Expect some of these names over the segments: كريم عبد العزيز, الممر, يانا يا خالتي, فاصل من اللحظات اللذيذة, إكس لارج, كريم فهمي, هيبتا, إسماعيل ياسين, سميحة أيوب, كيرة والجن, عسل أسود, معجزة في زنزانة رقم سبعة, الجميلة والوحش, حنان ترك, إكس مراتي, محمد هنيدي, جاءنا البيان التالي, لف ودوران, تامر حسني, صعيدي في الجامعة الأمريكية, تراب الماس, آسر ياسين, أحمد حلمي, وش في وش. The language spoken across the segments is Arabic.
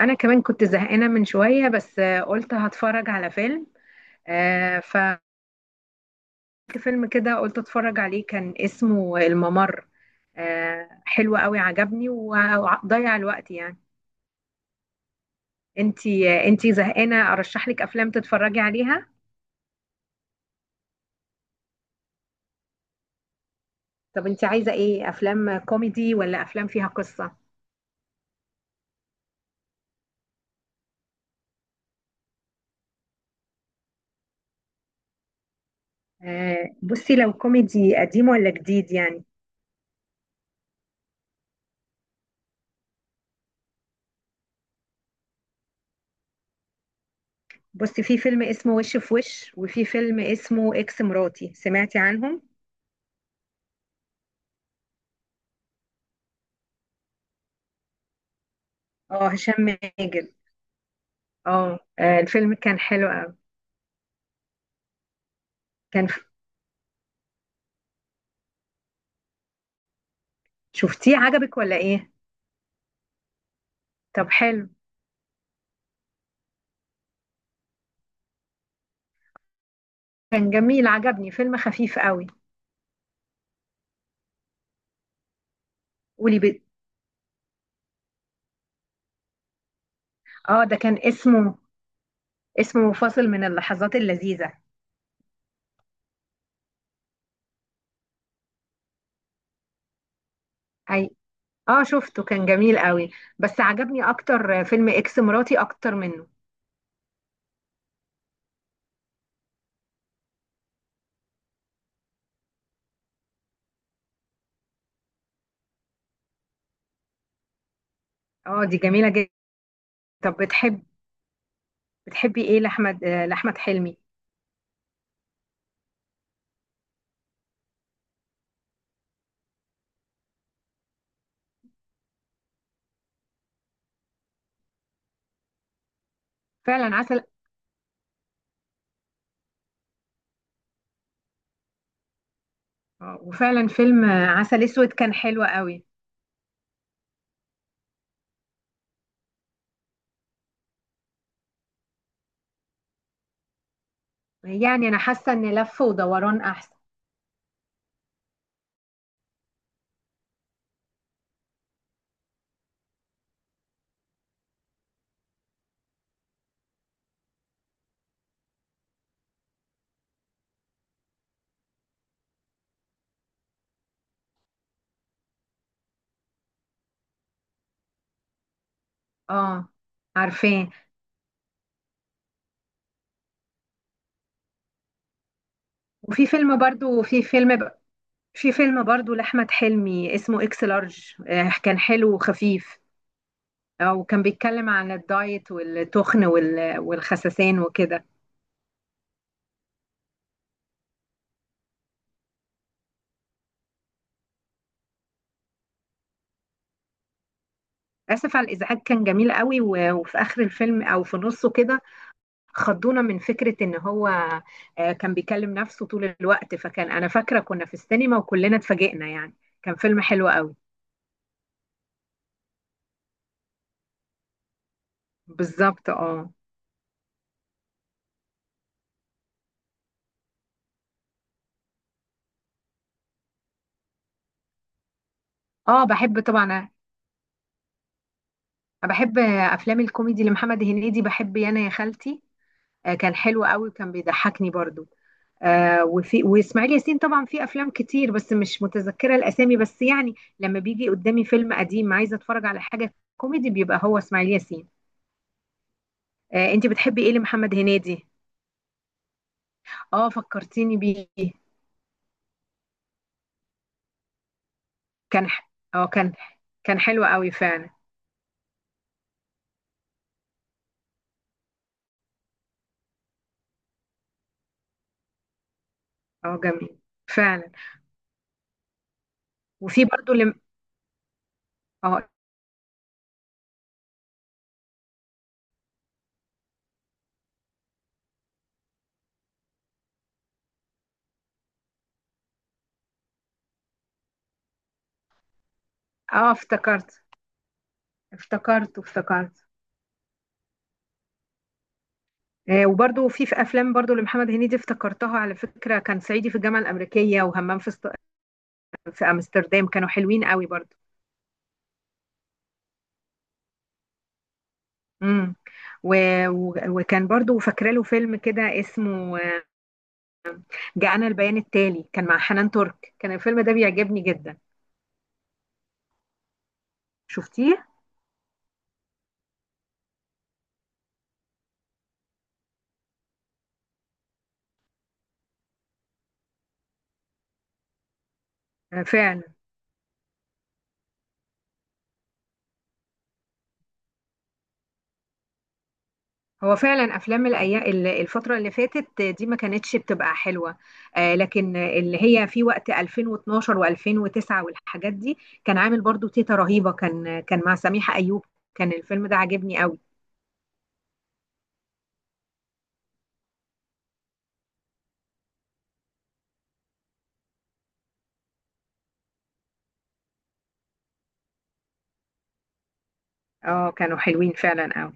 انا كمان كنت زهقانه من شويه بس قلت هتفرج على فيلم. آه، ف فيلم كده قلت اتفرج عليه كان اسمه الممر. حلو قوي عجبني وضيع الوقت يعني. انتي زهقانه ارشح لك افلام تتفرجي عليها. طب انتي عايزه ايه، افلام كوميدي ولا افلام فيها قصه؟ بصي لو كوميدي قديم ولا جديد يعني. بصي في فيلم اسمه وش في وش وفي فيلم اسمه اكس مراتي، سمعتي عنهم؟ اه، هشام ماجد. الفيلم كان حلو قوي كان. شفتيه عجبك ولا ايه؟ طب حلو، كان جميل عجبني فيلم خفيف قوي. قولي بي... اه ده كان اسمه، اسمه فاصل من اللحظات اللذيذة. اي اه شفته كان جميل قوي، بس عجبني اكتر فيلم اكس مراتي اكتر منه. اه، دي جميلة جدا. طب بتحبي ايه لاحمد حلمي؟ فعلا عسل. وفعلا فيلم عسل اسود كان حلو قوي. يعني انا حاسة ان لف ودوران احسن. اه عارفاه. وفي فيلم برضو في فيلم ب... في فيلم برضو لأحمد حلمي اسمه اكس لارج. كان حلو وخفيف. وكان بيتكلم عن الدايت والتخن والخسسان وكده. آسف على الإزعاج كان جميل قوي وفي آخر الفيلم أو في نصه كده خضونا من فكرة إن هو كان بيكلم نفسه طول الوقت، فكان أنا فاكرة كنا في السينما وكلنا اتفاجئنا يعني. كان فيلم حلو قوي. بالظبط اه. اه بحب طبعا أنا، بحب أفلام الكوميدي لمحمد هنيدي، بحب يانا يا خالتي. كان حلو قوي وكان بيضحكني برضو. آه، وفي واسماعيل ياسين طبعا في افلام كتير بس مش متذكره الاسامي بس يعني لما بيجي قدامي فيلم قديم عايزه اتفرج على حاجه كوميدي بيبقى هو اسماعيل ياسين. انت بتحبي ايه لمحمد هنيدي؟ اه، فكرتيني بيه. كان ح- اه كان حلو قوي فعلا. اه جميل فعلا. وفي برضو لم... اه اه افتكرت. وبرضو في افلام برضو لمحمد هنيدي افتكرتها على فكره، كان صعيدي في الجامعه الامريكيه وهمام في في امستردام، كانوا حلوين قوي برضو. امم و... وكان برضو فاكره له فيلم كده اسمه جاءنا البيان التالي كان مع حنان ترك، كان الفيلم ده بيعجبني جدا. شفتيه؟ فعلا هو فعلا افلام الايام، الفتره اللي فاتت دي ما كانتش بتبقى حلوه. لكن اللي هي في وقت 2012 و2009 والحاجات دي كان عامل برضو تيتا رهيبه، كان مع سميحه ايوب، كان الفيلم ده عاجبني قوي. اه كانوا حلوين فعلا قوي.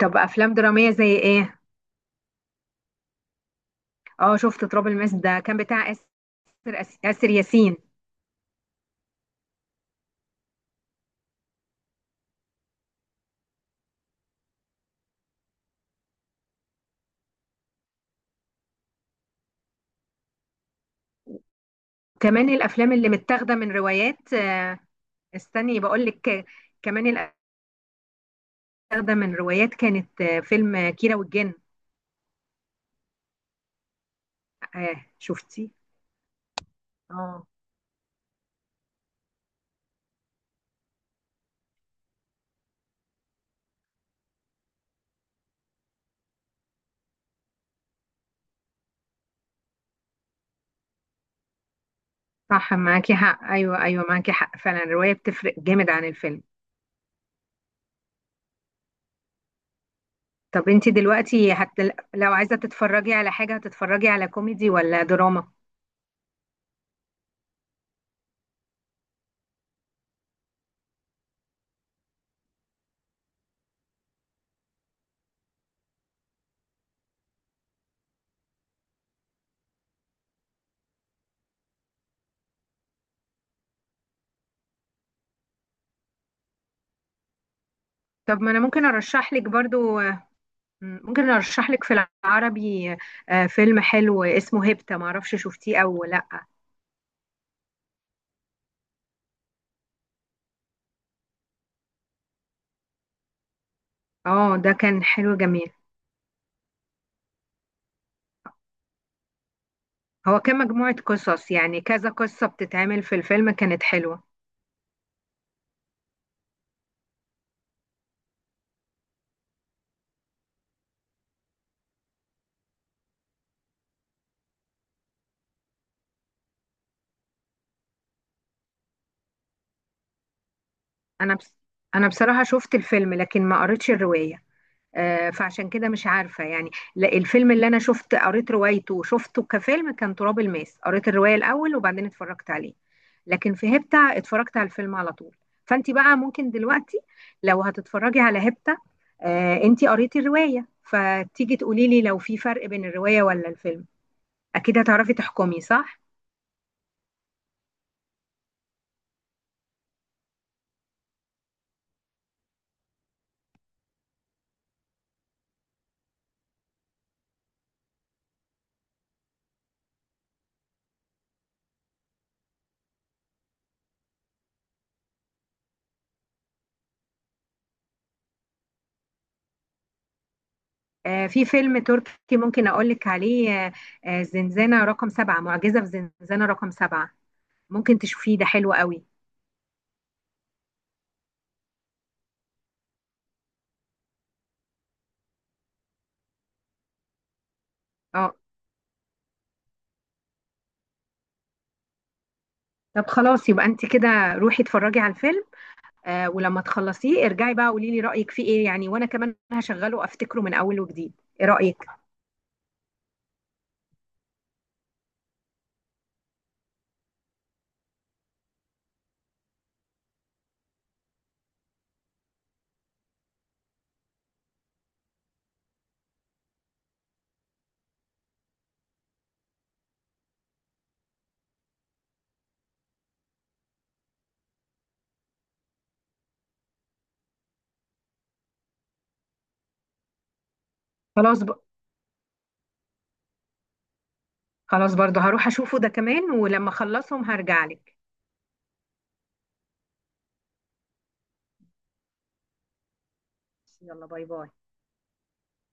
طب افلام دراميه زي ايه؟ اه شفت تراب الماس ده كان بتاع آسر، آسر ياسين. كمان الافلام اللي متاخده من روايات، استني بقول لك، كمان اللي متاخده من روايات كانت فيلم كيرة والجن. آه شفتي؟ اه صح، معاكي حق. ايوه معاكي حق فعلا، الروايه بتفرق جامد عن الفيلم. طب انت دلوقتي حتى لو عايزه تتفرجي على حاجه، هتتفرجي على كوميدي ولا دراما؟ طب ما انا ممكن ارشح لك برضو. ممكن ارشح لك في العربي فيلم حلو اسمه هيبتا، معرفش شفتيه او لا. اه ده كان حلو جميل، هو كان مجموعة قصص يعني كذا قصة بتتعمل في الفيلم، كانت حلوة. انا بس انا بصراحة شفت الفيلم لكن ما قريتش الرواية، فعشان كده مش عارفة يعني. لا، الفيلم اللي أنا شفت قريت روايته وشفته كفيلم كان تراب الماس، قريت الرواية الأول وبعدين اتفرجت عليه، لكن في هيبتا اتفرجت على الفيلم على طول. فأنت بقى ممكن دلوقتي لو هتتفرجي على هيبتا أنت قريتي الرواية فتيجي تقولي لي لو في فرق بين الرواية ولا الفيلم، أكيد هتعرفي تحكمي صح؟ في فيلم تركي ممكن أقول لك عليه زنزانة رقم 7، معجزة في زنزانة رقم 7، ممكن تشوفيه ده حلو قوي. اه طب خلاص يبقى انت كده روحي اتفرجي على الفيلم. آه ولما تخلصيه ارجعي بقى قولي لي رأيك فيه ايه يعني، وانا كمان هشغله افتكره من اول وجديد. ايه رأيك؟ خلاص ب... خلاص برضه هروح اشوفه ده كمان، ولما اخلصهم هرجع لك. يلا باي باي.